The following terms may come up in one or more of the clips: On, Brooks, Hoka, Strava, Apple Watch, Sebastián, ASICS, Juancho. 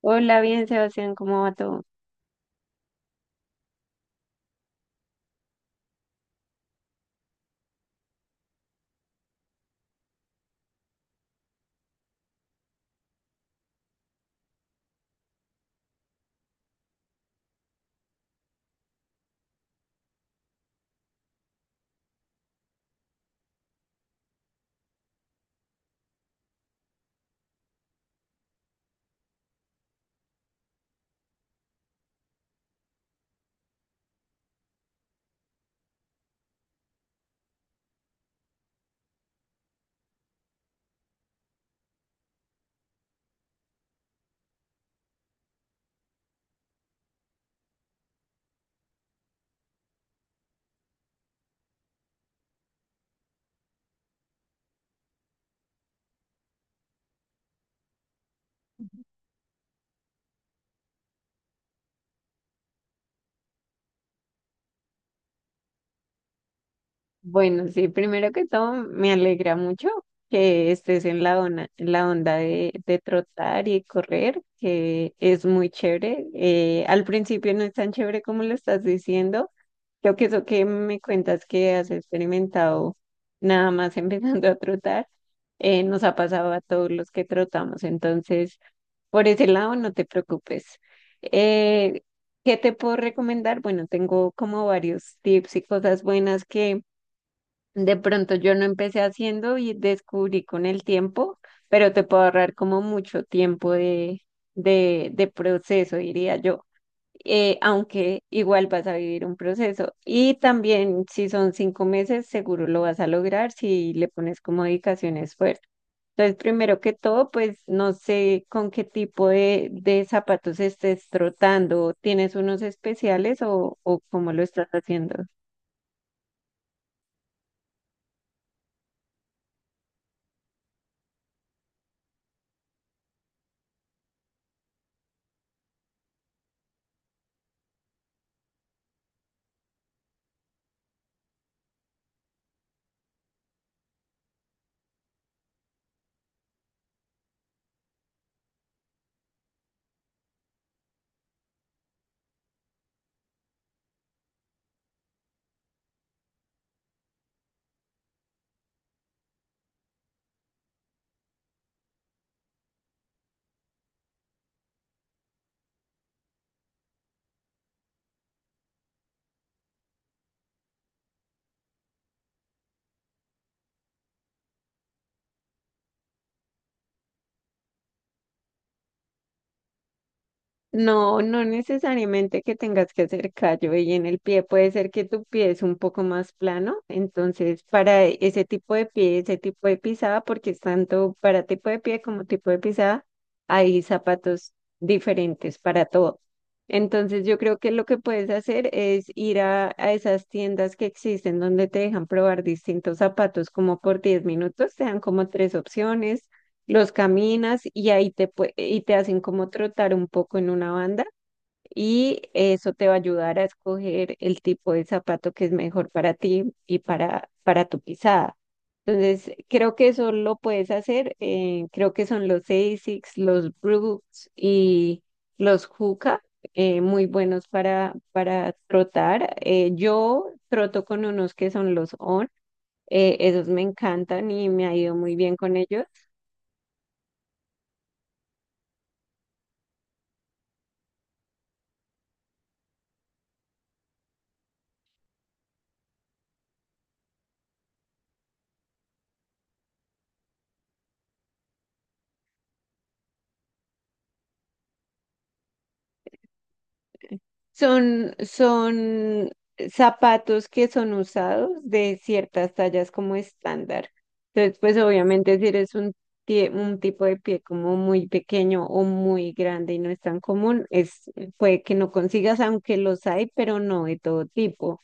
Hola, bien, Sebastián, ¿cómo va todo? Bueno, sí, primero que todo, me alegra mucho que estés en la onda de trotar y correr, que es muy chévere. Al principio no es tan chévere como lo estás diciendo. Creo que eso que me cuentas que has experimentado nada más empezando a trotar, nos ha pasado a todos los que trotamos. Entonces, por ese lado, no te preocupes. Eh, ¿qué te puedo recomendar? Bueno, tengo como varios tips y cosas buenas que de pronto yo no empecé haciendo y descubrí con el tiempo, pero te puedo ahorrar como mucho tiempo de proceso, diría yo. Aunque igual vas a vivir un proceso. Y también si son 5 meses, seguro lo vas a lograr si le pones como dedicación, esfuerzo. Entonces, primero que todo, pues no sé con qué tipo de zapatos estés trotando. ¿Tienes unos especiales o cómo lo estás haciendo? No, no necesariamente que tengas que hacer callo y en el pie puede ser que tu pie es un poco más plano, entonces para ese tipo de pie, ese tipo de pisada, porque es tanto para tipo de pie como tipo de pisada, hay zapatos diferentes para todo. Entonces yo creo que lo que puedes hacer es ir a esas tiendas que existen donde te dejan probar distintos zapatos como por 10 minutos, te dan como tres opciones, los caminas y ahí y te hacen como trotar un poco en una banda, y eso te va a ayudar a escoger el tipo de zapato que es mejor para ti y para tu pisada. Entonces, creo que eso lo puedes hacer. Creo que son los ASICS, los Brooks y los Hoka, muy buenos para trotar. Yo troto con unos que son los On. Esos me encantan y me ha ido muy bien con ellos. Son zapatos que son usados de ciertas tallas como estándar. Entonces, pues obviamente si eres un tipo de pie como muy pequeño o muy grande y no es tan común, es, puede que no consigas, aunque los hay, pero no de todo tipo.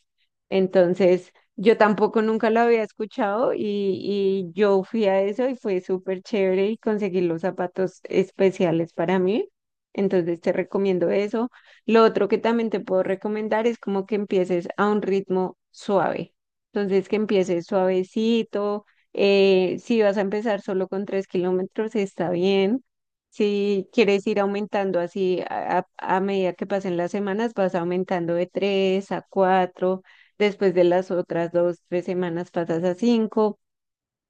Entonces, yo tampoco nunca lo había escuchado y yo fui a eso y fue súper chévere y conseguí los zapatos especiales para mí. Entonces, te recomiendo eso. Lo otro que también te puedo recomendar es como que empieces a un ritmo suave. Entonces, que empieces suavecito. Si vas a empezar solo con 3 kilómetros, está bien. Si quieres ir aumentando así a medida que pasen las semanas, vas aumentando de tres a cuatro. Después de las otras 2, 3 semanas pasas a cinco.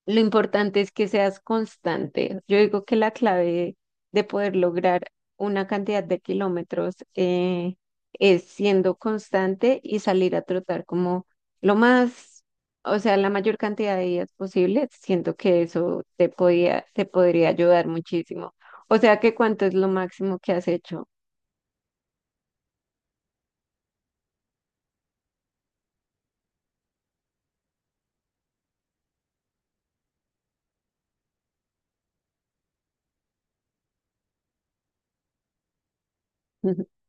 Lo importante es que seas constante. Yo digo que la clave de poder lograr una cantidad de kilómetros es siendo constante y salir a trotar como lo más, o sea, la mayor cantidad de días posible. Siento que eso te podía, te podría ayudar muchísimo. O sea, ¿que cuánto es lo máximo que has hecho?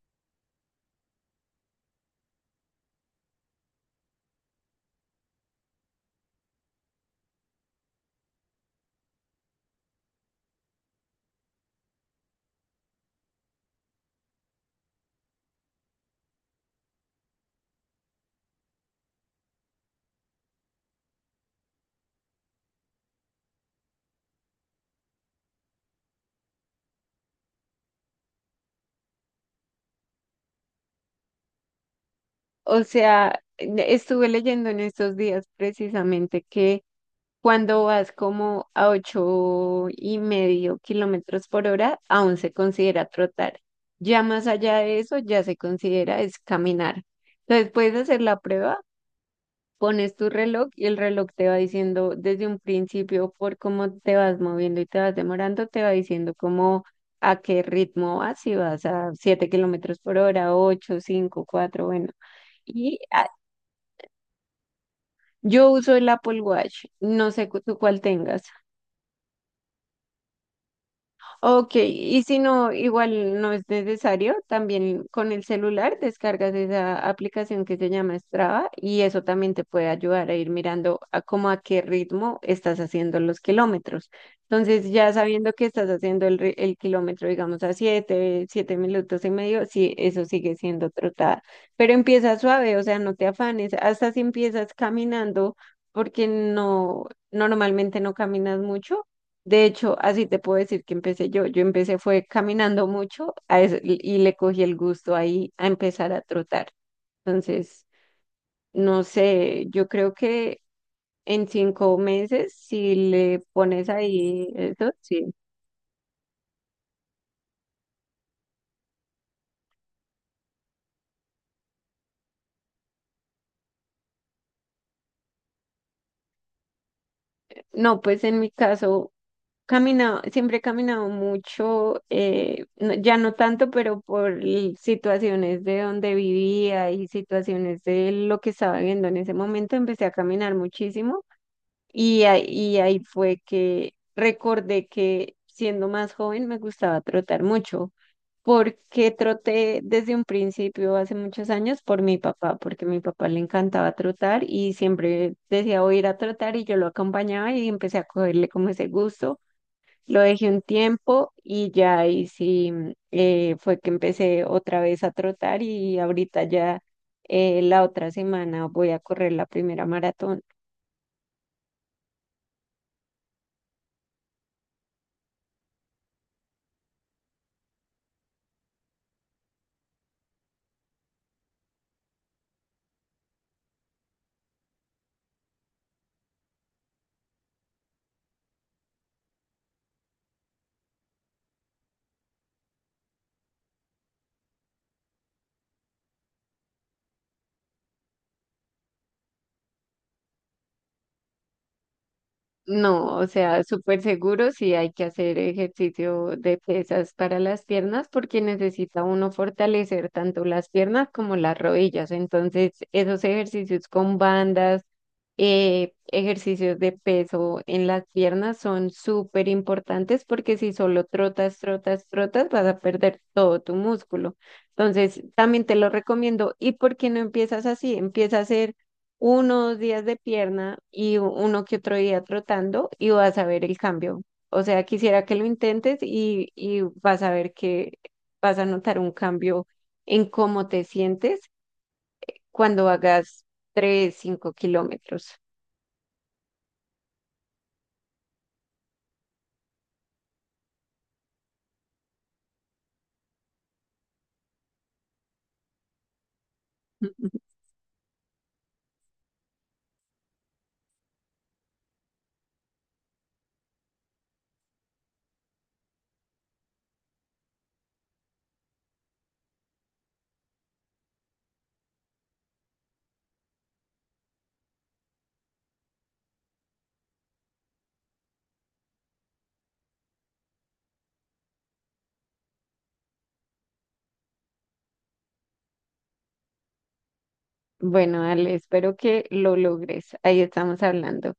O sea, estuve leyendo en estos días precisamente que cuando vas como a 8,5 kilómetros por hora, aún se considera trotar. Ya más allá de eso, ya se considera es caminar. Entonces puedes hacer la prueba, pones tu reloj y el reloj te va diciendo desde un principio por cómo te vas moviendo y te vas demorando, te va diciendo cómo a qué ritmo vas, si vas a 7 kilómetros por hora, ocho, cinco, cuatro, bueno. Y ah, yo uso el Apple Watch, no sé tú cuál tengas. Ok, y si no, igual no es necesario, también con el celular descargas esa aplicación que se llama Strava y eso también te puede ayudar a ir mirando a cómo a qué ritmo estás haciendo los kilómetros. Entonces, ya sabiendo que estás haciendo el kilómetro, digamos, a 7, 7 minutos y medio, sí, eso sigue siendo trotada, pero empieza suave, o sea, no te afanes, hasta si empiezas caminando, porque no, normalmente no caminas mucho. De hecho, así te puedo decir que empecé yo. Yo empecé fue caminando mucho a eso, y le cogí el gusto ahí a empezar a trotar. Entonces, no sé, yo creo que en 5 meses, si le pones ahí eso, sí. No, pues en mi caso, caminado, siempre he caminado mucho, ya no tanto, pero situaciones de donde vivía y situaciones de lo que estaba viendo en ese momento, empecé a caminar muchísimo. Y ahí fue que recordé que siendo más joven me gustaba trotar mucho, porque troté desde un principio hace muchos años por mi papá, porque a mi papá le encantaba trotar y siempre decía voy a ir a trotar y yo lo acompañaba y empecé a cogerle como ese gusto. Lo dejé un tiempo y ya ahí sí fue que empecé otra vez a trotar y ahorita ya, la otra semana voy a correr la primera maratón. No, o sea, súper seguro sí hay que hacer ejercicio de pesas para las piernas porque necesita uno fortalecer tanto las piernas como las rodillas. Entonces, esos ejercicios con bandas, ejercicios de peso en las piernas son súper importantes porque si solo trotas, trotas, trotas, vas a perder todo tu músculo. Entonces, también te lo recomiendo. ¿Y por qué no empiezas así? Empieza a hacer unos días de pierna y uno que otro día trotando y vas a ver el cambio. O sea, quisiera que lo intentes y vas a ver que vas a notar un cambio en cómo te sientes cuando hagas 3, 5 kilómetros. Bueno, Ale, espero que lo logres. Ahí estamos hablando.